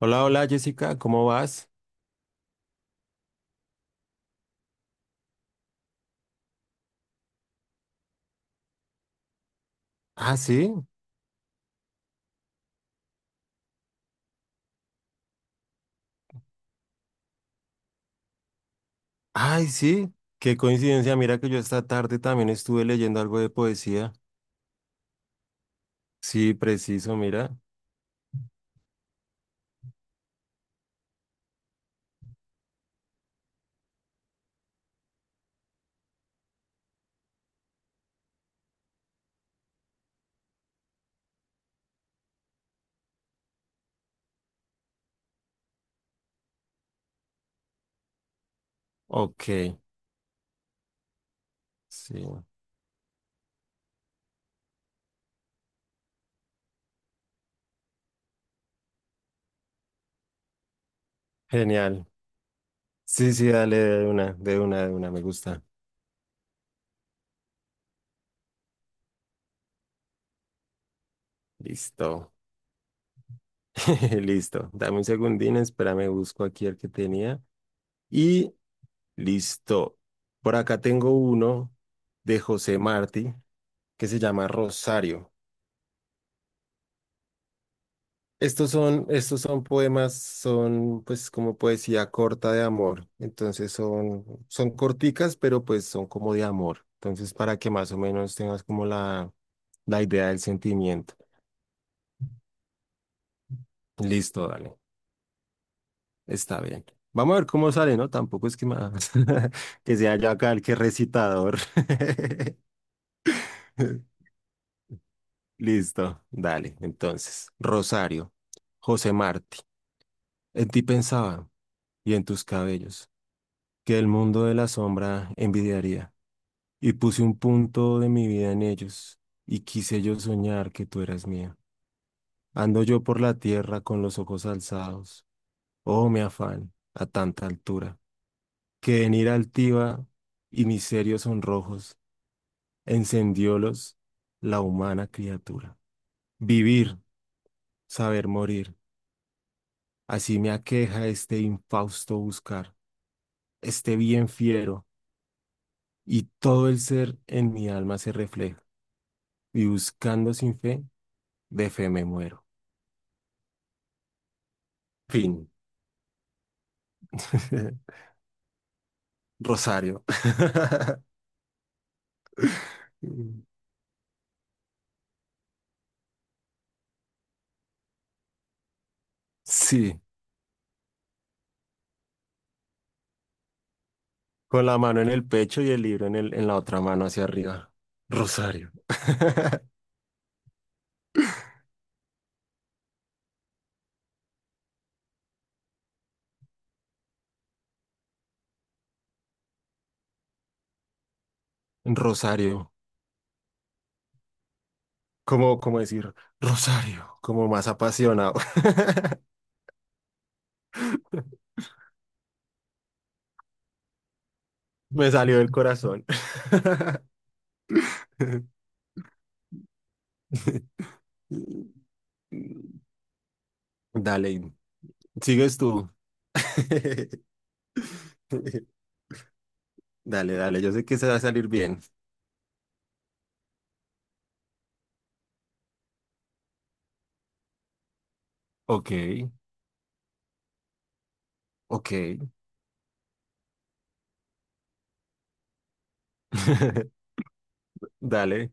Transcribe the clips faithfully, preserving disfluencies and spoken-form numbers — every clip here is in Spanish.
Hola, hola Jessica, ¿cómo vas? Ah, sí. Ay, sí. Qué coincidencia. Mira que yo esta tarde también estuve leyendo algo de poesía. Sí, preciso, mira. Ok, sí. Genial. Sí, sí, dale de una, de una, de una. Me gusta. Listo. Listo. Dame un segundín, espérame, busco aquí el que tenía. Y listo. Por acá tengo uno de José Martí que se llama Rosario. Estos son, estos son poemas, son pues como poesía corta de amor. Entonces son, son corticas, pero pues son como de amor. Entonces para que más o menos tengas como la, la idea del sentimiento. Listo, dale. Está bien. Vamos a ver cómo sale, ¿no? Tampoco es que más que sea yo acá el que recitador. Listo, dale. Entonces, Rosario, José Martí, en ti pensaba y en tus cabellos, que el mundo de la sombra envidiaría, y puse un punto de mi vida en ellos, y quise yo soñar que tú eras mía. Ando yo por la tierra con los ojos alzados, oh mi afán, a tanta altura, que en ira altiva y mis serios sonrojos encendiólos la humana criatura. Vivir, saber morir, así me aqueja este infausto buscar, este bien fiero, y todo el ser en mi alma se refleja. Y buscando sin fe, de fe me muero. Fin. Rosario. Sí, con la mano en el pecho y el libro en el, en la otra mano hacia arriba. Rosario. Rosario. ¿Cómo, cómo decir? Rosario. Como más apasionado. Me salió del corazón. Dale, sigues tú. Dale, dale, yo sé que se va a salir bien. Ok, ok. Dale,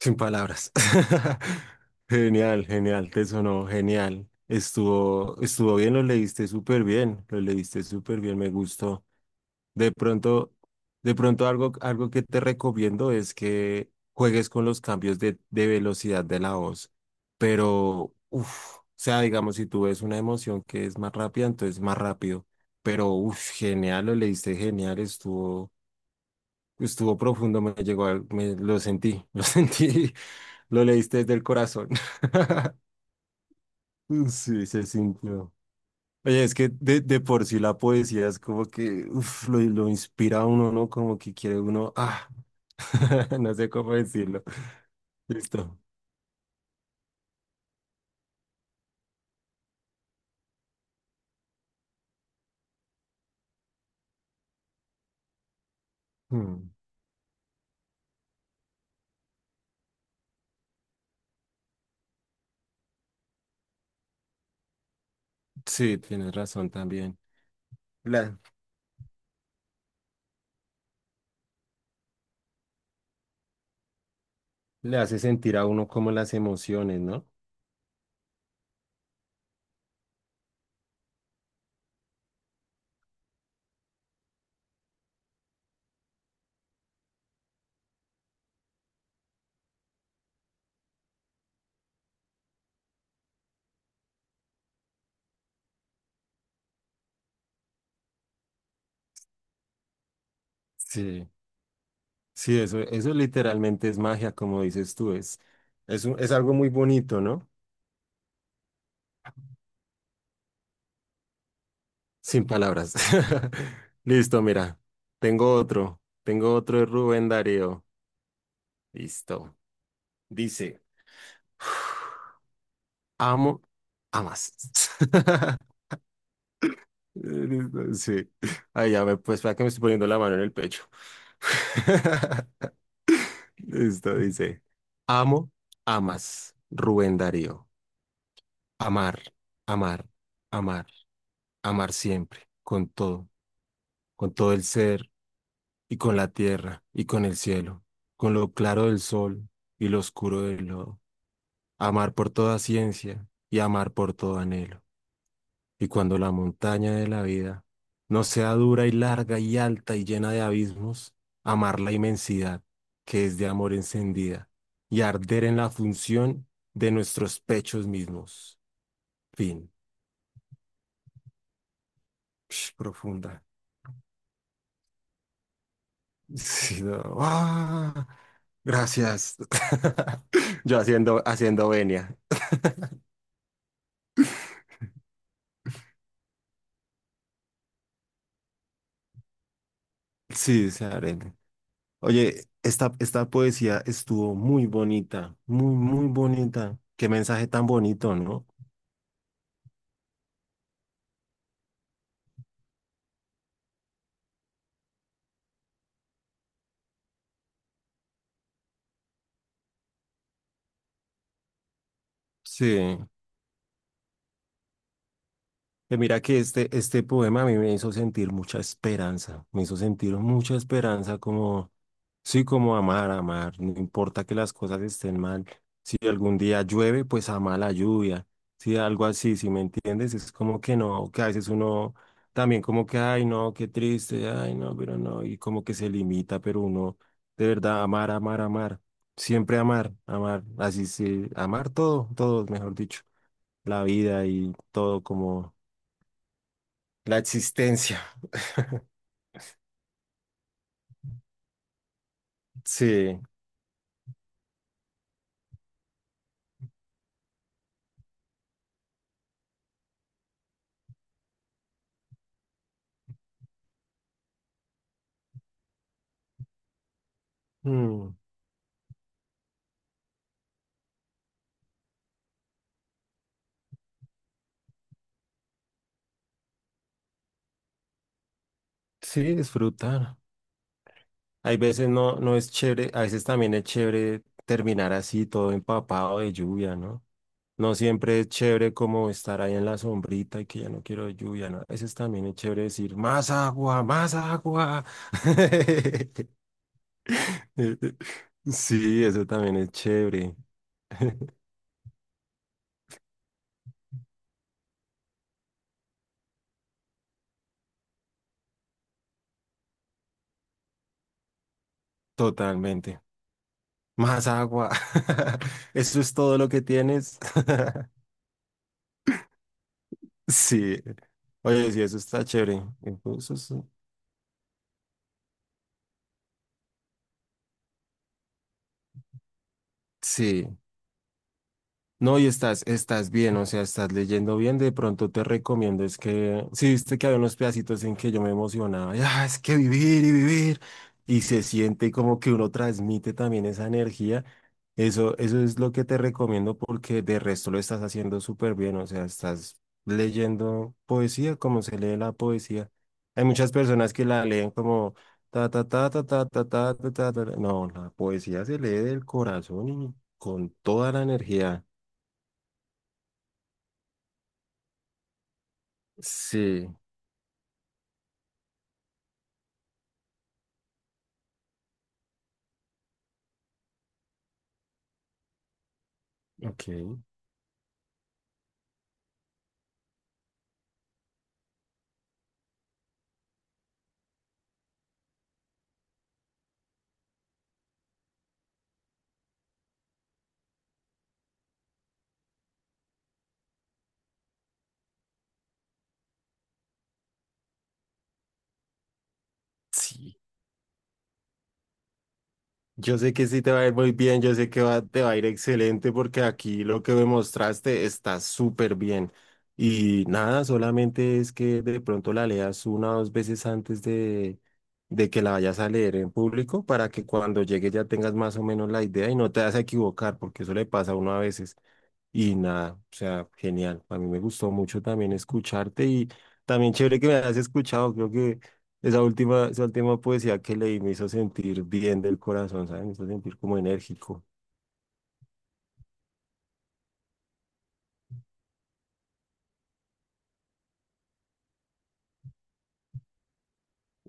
sin palabras. Genial, genial, te sonó genial. Estuvo, estuvo bien, lo leíste súper bien, lo leíste súper bien, me gustó. De pronto, de pronto algo, algo que te recomiendo es que juegues con los cambios de, de velocidad de la voz. Pero, uff, o sea, digamos, si tú ves una emoción que es más rápida, entonces más rápido. Pero, uff, genial, lo leíste genial, estuvo. Estuvo profundo, me llegó, al- me, lo sentí, lo sentí, lo leíste desde el corazón. Sí, se sintió. Oye, es que de, de por sí la poesía es como que uf, lo, lo inspira a uno, ¿no? Como que quiere uno, ah, no sé cómo decirlo. Listo. Mm. Sí, tienes razón también. La, le hace sentir a uno como las emociones, ¿no? Sí, sí, eso, eso literalmente es magia, como dices tú, es, es, un- es algo muy bonito, ¿no? Sin palabras. Listo, mira. Tengo otro. Tengo otro de Rubén Darío. Listo. Dice, amo, amas. Listo, sí. Ay, ya me, pues para que me estoy poniendo la mano en el pecho. Listo, dice, amo, amas, Rubén Darío. Amar, amar, amar, amar siempre, con todo, con todo el ser, y con la tierra, y con el cielo, con lo claro del sol y lo oscuro del lodo. Amar por toda ciencia y amar por todo anhelo. Y cuando la montaña de la vida no sea dura y larga y alta y llena de abismos, amar la inmensidad que es de amor encendida y arder en la función de nuestros pechos mismos. Fin. Psh, profunda. Sí, no. ¡Ah! Gracias. Yo haciendo, haciendo venia. Sí, se arena. Oye, esta, esta poesía estuvo muy bonita, muy, muy bonita. Qué mensaje tan bonito, ¿no? Sí. Eh, mira que este, este poema a mí me hizo sentir mucha esperanza, me hizo sentir mucha esperanza como, sí, como amar, amar, no importa que las cosas estén mal, si algún día llueve, pues ama la lluvia, si algo así, si me entiendes, es como que no, que a veces uno también como que, ay no, qué triste, ay no, pero no, y como que se limita, pero uno de verdad amar, amar, amar, siempre amar, amar, así sí, amar todo, todo, mejor dicho, la vida y todo como... La existencia. Sí. Mm. Sí, disfrutar. Hay veces no, no es chévere, a veces también es chévere terminar así, todo empapado de lluvia, ¿no? No siempre es chévere como estar ahí en la sombrita y que ya no quiero lluvia, ¿no? A veces también es chévere decir, más agua, más agua. Sí, eso también es chévere, totalmente. Más agua. Eso es todo lo que tienes. Sí. Oye, sí, eso está chévere. Incluso sí. Sí. No, y estás, estás bien, o sea, estás leyendo bien. De pronto te recomiendo, es que, ¿sí viste que había unos pedacitos en que yo me emocionaba, y, "Ah, es que vivir y vivir, y se siente como que uno transmite también esa energía". Eso, eso es lo que te recomiendo porque de resto lo estás haciendo súper bien, o sea, estás leyendo poesía como se lee la poesía. Hay muchas personas que la leen como ta ta ta ta ta ta ta ta ta. Ta. No, la poesía se lee del corazón y con toda la energía. Sí, ok, sí. Yo sé que sí te va a ir muy bien, yo sé que va- te va a ir excelente porque aquí lo que me mostraste está súper bien. Y nada, solamente es que de pronto la leas una o dos veces antes de, de que la vayas a leer en público para que cuando llegue ya tengas más o menos la idea y no te vas a equivocar porque eso le pasa a uno a veces. Y nada, o sea, genial. A mí me gustó mucho también escucharte y también chévere que me hayas escuchado. Creo que esa última, esa última poesía que leí me hizo sentir bien del corazón, ¿sabes? Me hizo sentir como enérgico.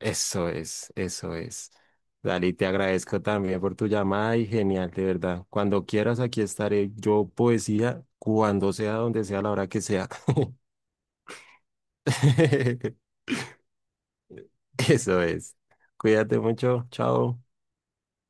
Eso es, eso es. Dale, y te agradezco también por tu llamada y genial, de verdad. Cuando quieras, aquí estaré yo, poesía, cuando sea, donde sea, a la hora que sea. Eso es. Cuídate mucho, chao.